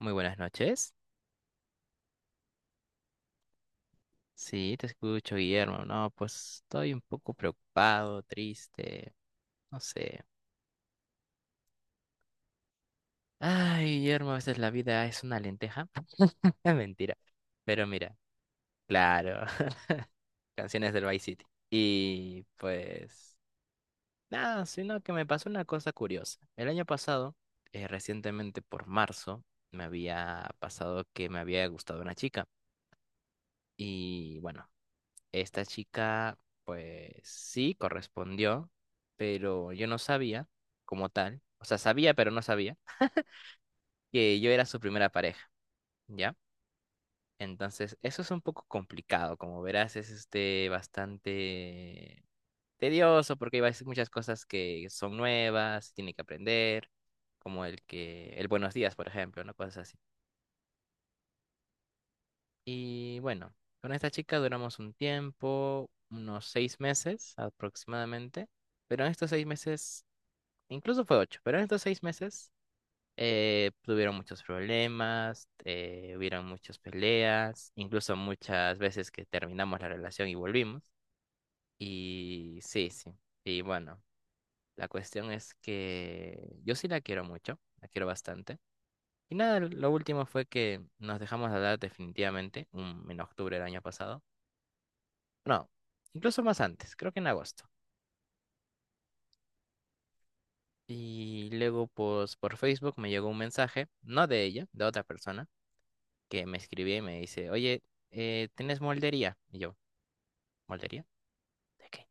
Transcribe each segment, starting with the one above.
Muy buenas noches. Sí, te escucho, Guillermo. No, pues estoy un poco preocupado, triste, no sé. Ay, Guillermo, a veces la vida es una lenteja. Mentira. Pero mira, claro, canciones del Vice City. Y pues, nada, sino que me pasó una cosa curiosa. El año pasado, recientemente por marzo, me había pasado que me había gustado una chica. Y bueno, esta chica sí correspondió, pero yo no sabía como tal, o sea, sabía pero no sabía que yo era su primera pareja, ¿ya? Entonces, eso es un poco complicado, como verás, es este bastante tedioso porque hay veces muchas cosas que son nuevas, tiene que aprender, como el que el buenos días, por ejemplo, ¿no? Cosas así. Y bueno, con esta chica duramos un tiempo, unos seis meses aproximadamente. Pero en estos seis meses incluso fue ocho, pero en estos seis meses tuvieron muchos problemas, hubieron muchas peleas, incluso muchas veces que terminamos la relación y volvimos. Y sí, sí. Y bueno, la cuestión es que yo sí la quiero mucho, la quiero bastante. Y nada, lo último fue que nos dejamos de hablar definitivamente en octubre del año pasado. No, incluso más antes, creo que en agosto. Y luego, pues, por Facebook me llegó un mensaje, no de ella, de otra persona que me escribía y me dice, oye, ¿tienes moldería? Y yo, ¿moldería? ¿De qué?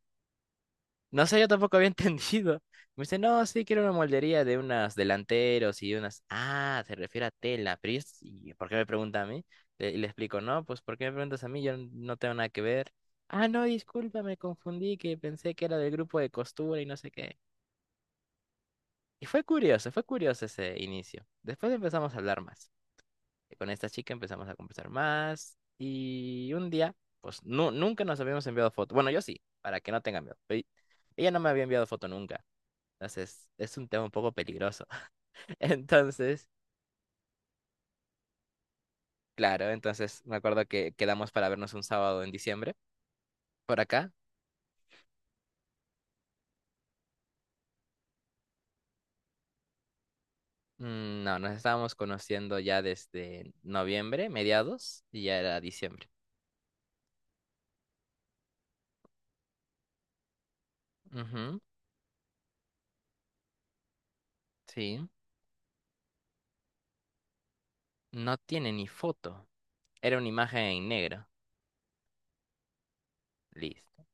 No sé, yo tampoco había entendido. Me dice, no, sí, quiero una moldería de unos delanteros y unas... Ah, se refiere a tela, pero ¿y por qué me pregunta a mí? Y le explico, no, pues ¿por qué me preguntas a mí? Yo no tengo nada que ver. Ah, no, disculpa, me confundí, que pensé que era del grupo de costura y no sé qué. Y fue curioso ese inicio. Después empezamos a hablar más. Con esta chica empezamos a conversar más y un día, pues nunca nos habíamos enviado foto. Bueno, yo sí, para que no tengan miedo, pero ella no me había enviado foto nunca. Entonces, es un tema un poco peligroso. Entonces, claro, entonces me acuerdo que quedamos para vernos un sábado en diciembre por acá. Mm, no, nos estábamos conociendo ya desde noviembre, mediados, y ya era diciembre. Ujú, sí. No tiene ni foto. Era una imagen en negro. Listo.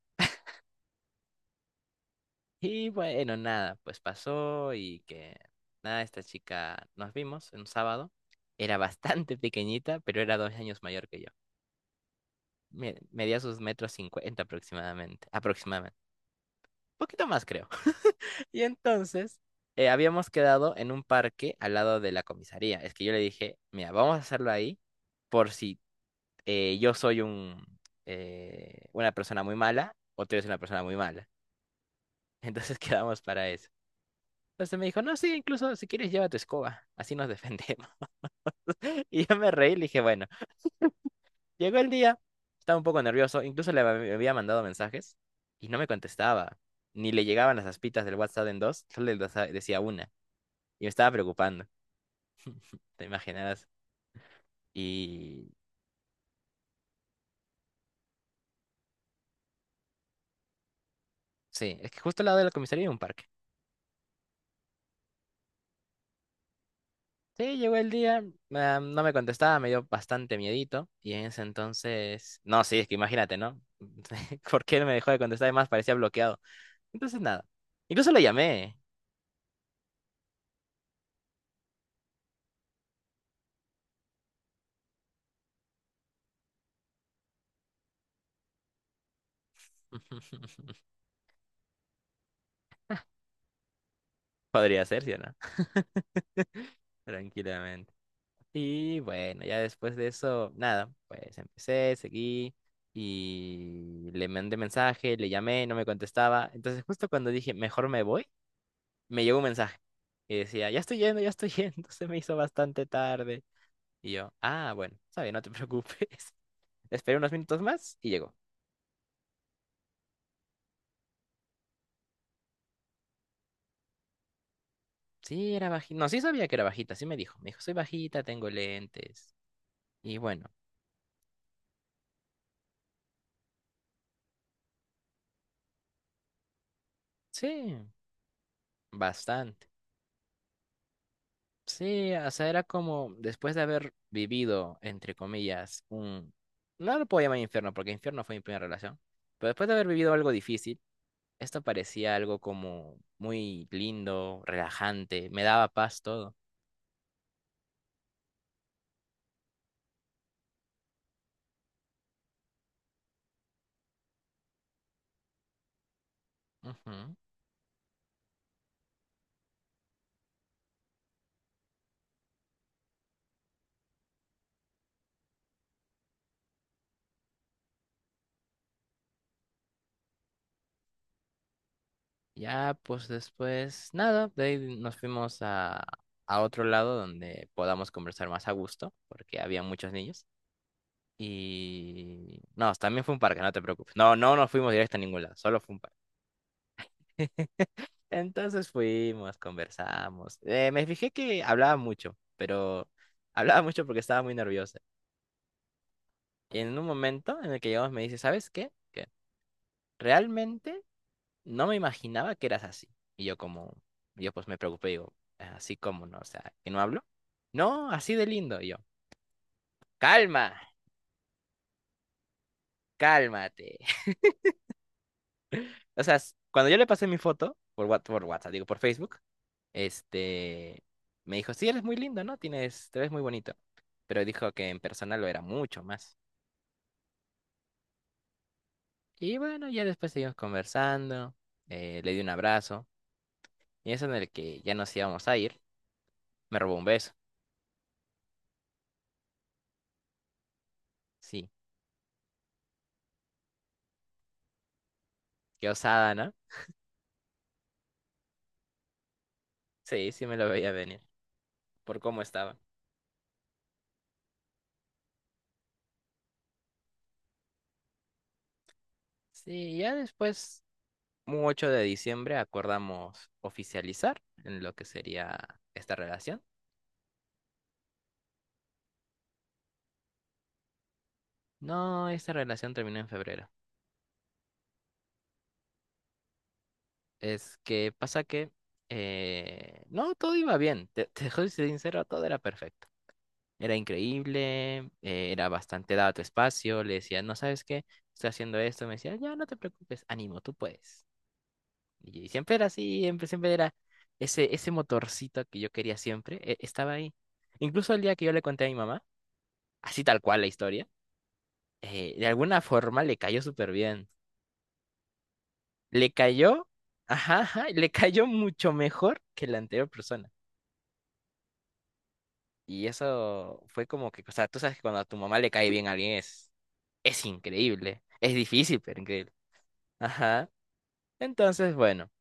Y bueno, nada, pues pasó y que nada, esta chica nos vimos en un sábado. Era bastante pequeñita, pero era dos años mayor que yo. Medía sus metros cincuenta aproximadamente, aproximadamente. Poquito más, creo. Y entonces habíamos quedado en un parque al lado de la comisaría. Es que yo le dije, mira, vamos a hacerlo ahí por si eh, yo soy un, una persona muy mala o tú eres una persona muy mala. Entonces quedamos para eso. Entonces me dijo, no, sí, incluso si quieres lleva tu escoba, así nos defendemos. Y yo me reí y le dije, bueno, llegó el día, estaba un poco nervioso, incluso había mandado mensajes y no me contestaba, ni le llegaban las aspitas del WhatsApp en dos, solo decía una, y me estaba preocupando, te imaginarás. Y sí, es que justo al lado de la comisaría hay un parque. Sí, llegó el día, ah, no me contestaba, me dio bastante miedito, y en ese entonces, no, sí, es que imagínate, ¿no? ¿Por qué no me dejó de contestar? Además, parecía bloqueado. Entonces nada. Incluso la llamé. Podría ser, ¿sí o no? Tranquilamente. Y bueno, ya después de eso, nada, pues empecé, seguí y le mandé mensaje, le llamé, no me contestaba. Entonces justo cuando dije, mejor me voy, me llegó un mensaje que decía, ya estoy yendo, se me hizo bastante tarde. Y yo, ah, bueno, está bien, no te preocupes. Esperé unos minutos más y llegó. Sí, era bajita. No, sí sabía que era bajita, sí me dijo. Me dijo, soy bajita, tengo lentes. Y bueno. Sí, bastante. Sí, o sea, era como después de haber vivido, entre comillas, un... No lo puedo llamar infierno, porque infierno fue mi primera relación. Pero después de haber vivido algo difícil, esto parecía algo como muy lindo, relajante, me daba paz todo. Ujú. Ya, pues después, nada, de ahí nos fuimos a otro lado donde podamos conversar más a gusto, porque había muchos niños. Y... no, también fue un parque, no te preocupes. No, no nos fuimos directo a ningún lado, solo fue un parque. Entonces fuimos, conversamos. Me fijé que hablaba mucho, pero hablaba mucho porque estaba muy nerviosa. Y en un momento en el que llegamos me dice, ¿sabes qué? Que realmente no me imaginaba que eras así. Y yo como, yo pues me preocupé, digo, así como no, o sea, que no hablo. No, así de lindo. Y yo, calma, cálmate. O sea, cuando yo le pasé mi foto por, por WhatsApp, digo, por Facebook, este, me dijo, sí, eres muy lindo, ¿no? Tienes, te ves muy bonito. Pero dijo que en persona lo era mucho más. Y bueno, ya después seguimos conversando, le di un abrazo, y eso en el que ya nos íbamos a ir, me robó un beso. Sí, qué osada, ¿no? Sí, sí me lo veía venir, por cómo estaba. Sí, ya después, un 8 de diciembre, acordamos oficializar en lo que sería esta relación. No, esta relación terminó en febrero. Es que pasa que... no, todo iba bien. Te soy sincero, todo era perfecto. Era increíble, era bastante dado tu espacio. Le decía, no sabes qué, estoy haciendo esto. Me decía, ya, no te preocupes, ánimo, tú puedes. Y siempre era así, siempre, siempre era ese, ese motorcito que yo quería siempre, estaba ahí. Incluso el día que yo le conté a mi mamá, así tal cual la historia, de alguna forma le cayó súper bien. Le cayó, ajá, ajá, le cayó mucho mejor que la anterior persona. Y eso fue como que, o sea, tú sabes que cuando a tu mamá le cae bien a alguien es increíble. Es difícil, pero increíble. Ajá. Entonces, bueno,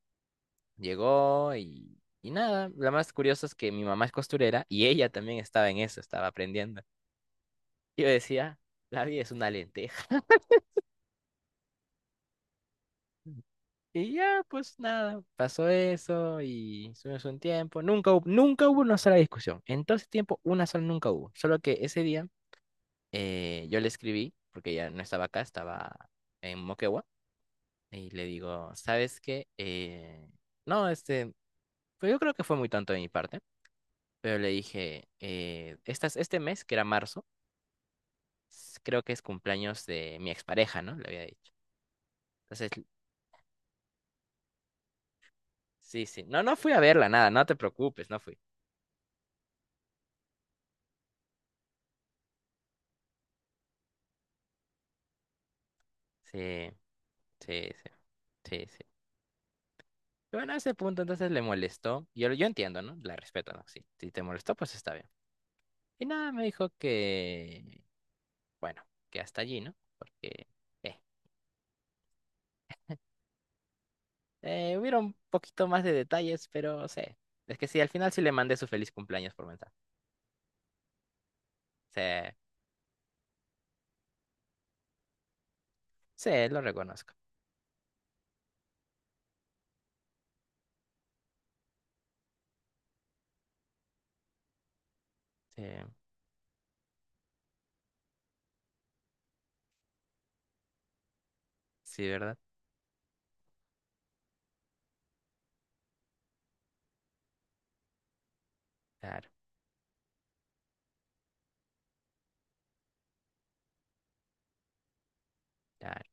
llegó y nada. Lo más curioso es que mi mamá es costurera y ella también estaba en eso, estaba aprendiendo. Y yo decía, la vida es una lenteja. Y ya, pues nada, pasó eso y estuvimos un tiempo. Nunca hubo, nunca hubo una sola discusión. En todo ese tiempo, una sola nunca hubo. Solo que ese día yo le escribí, porque ya no estaba acá, estaba en Moquegua, y le digo, ¿sabes qué? No, este, pues yo creo que fue muy tonto de mi parte, pero le dije, estas, este mes, que era marzo, creo que es cumpleaños de mi expareja, ¿no? Le había dicho. Entonces, sí, sí. No, no fui a verla, nada, no te preocupes, no fui. Sí. Sí, sí, sí, sí. Bueno, a ese punto entonces le molestó. Yo entiendo, ¿no? La respeto, ¿no? Sí, si te molestó, pues está bien. Y nada, me dijo que, bueno, que hasta allí, ¿no? Porque, eh, hubiera un poquito más de detalles, pero sé. Es que sí, al final sí le mandé su feliz cumpleaños por mensaje. Sí, sí, lo reconozco. Sí, sí, ¿verdad? Claro, claro.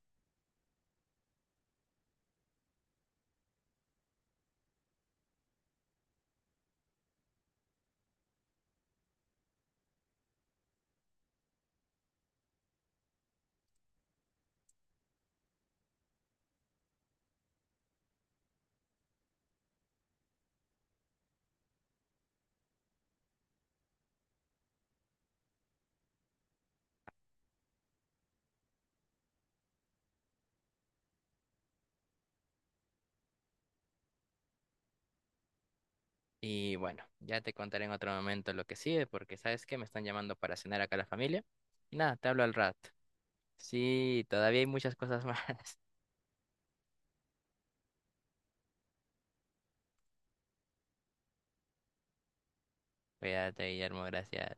Y bueno, ya te contaré en otro momento lo que sigue, porque sabes que me están llamando para cenar acá la familia. Y nada, te hablo al rato. Sí, todavía hay muchas cosas más. Cuídate, Guillermo, gracias.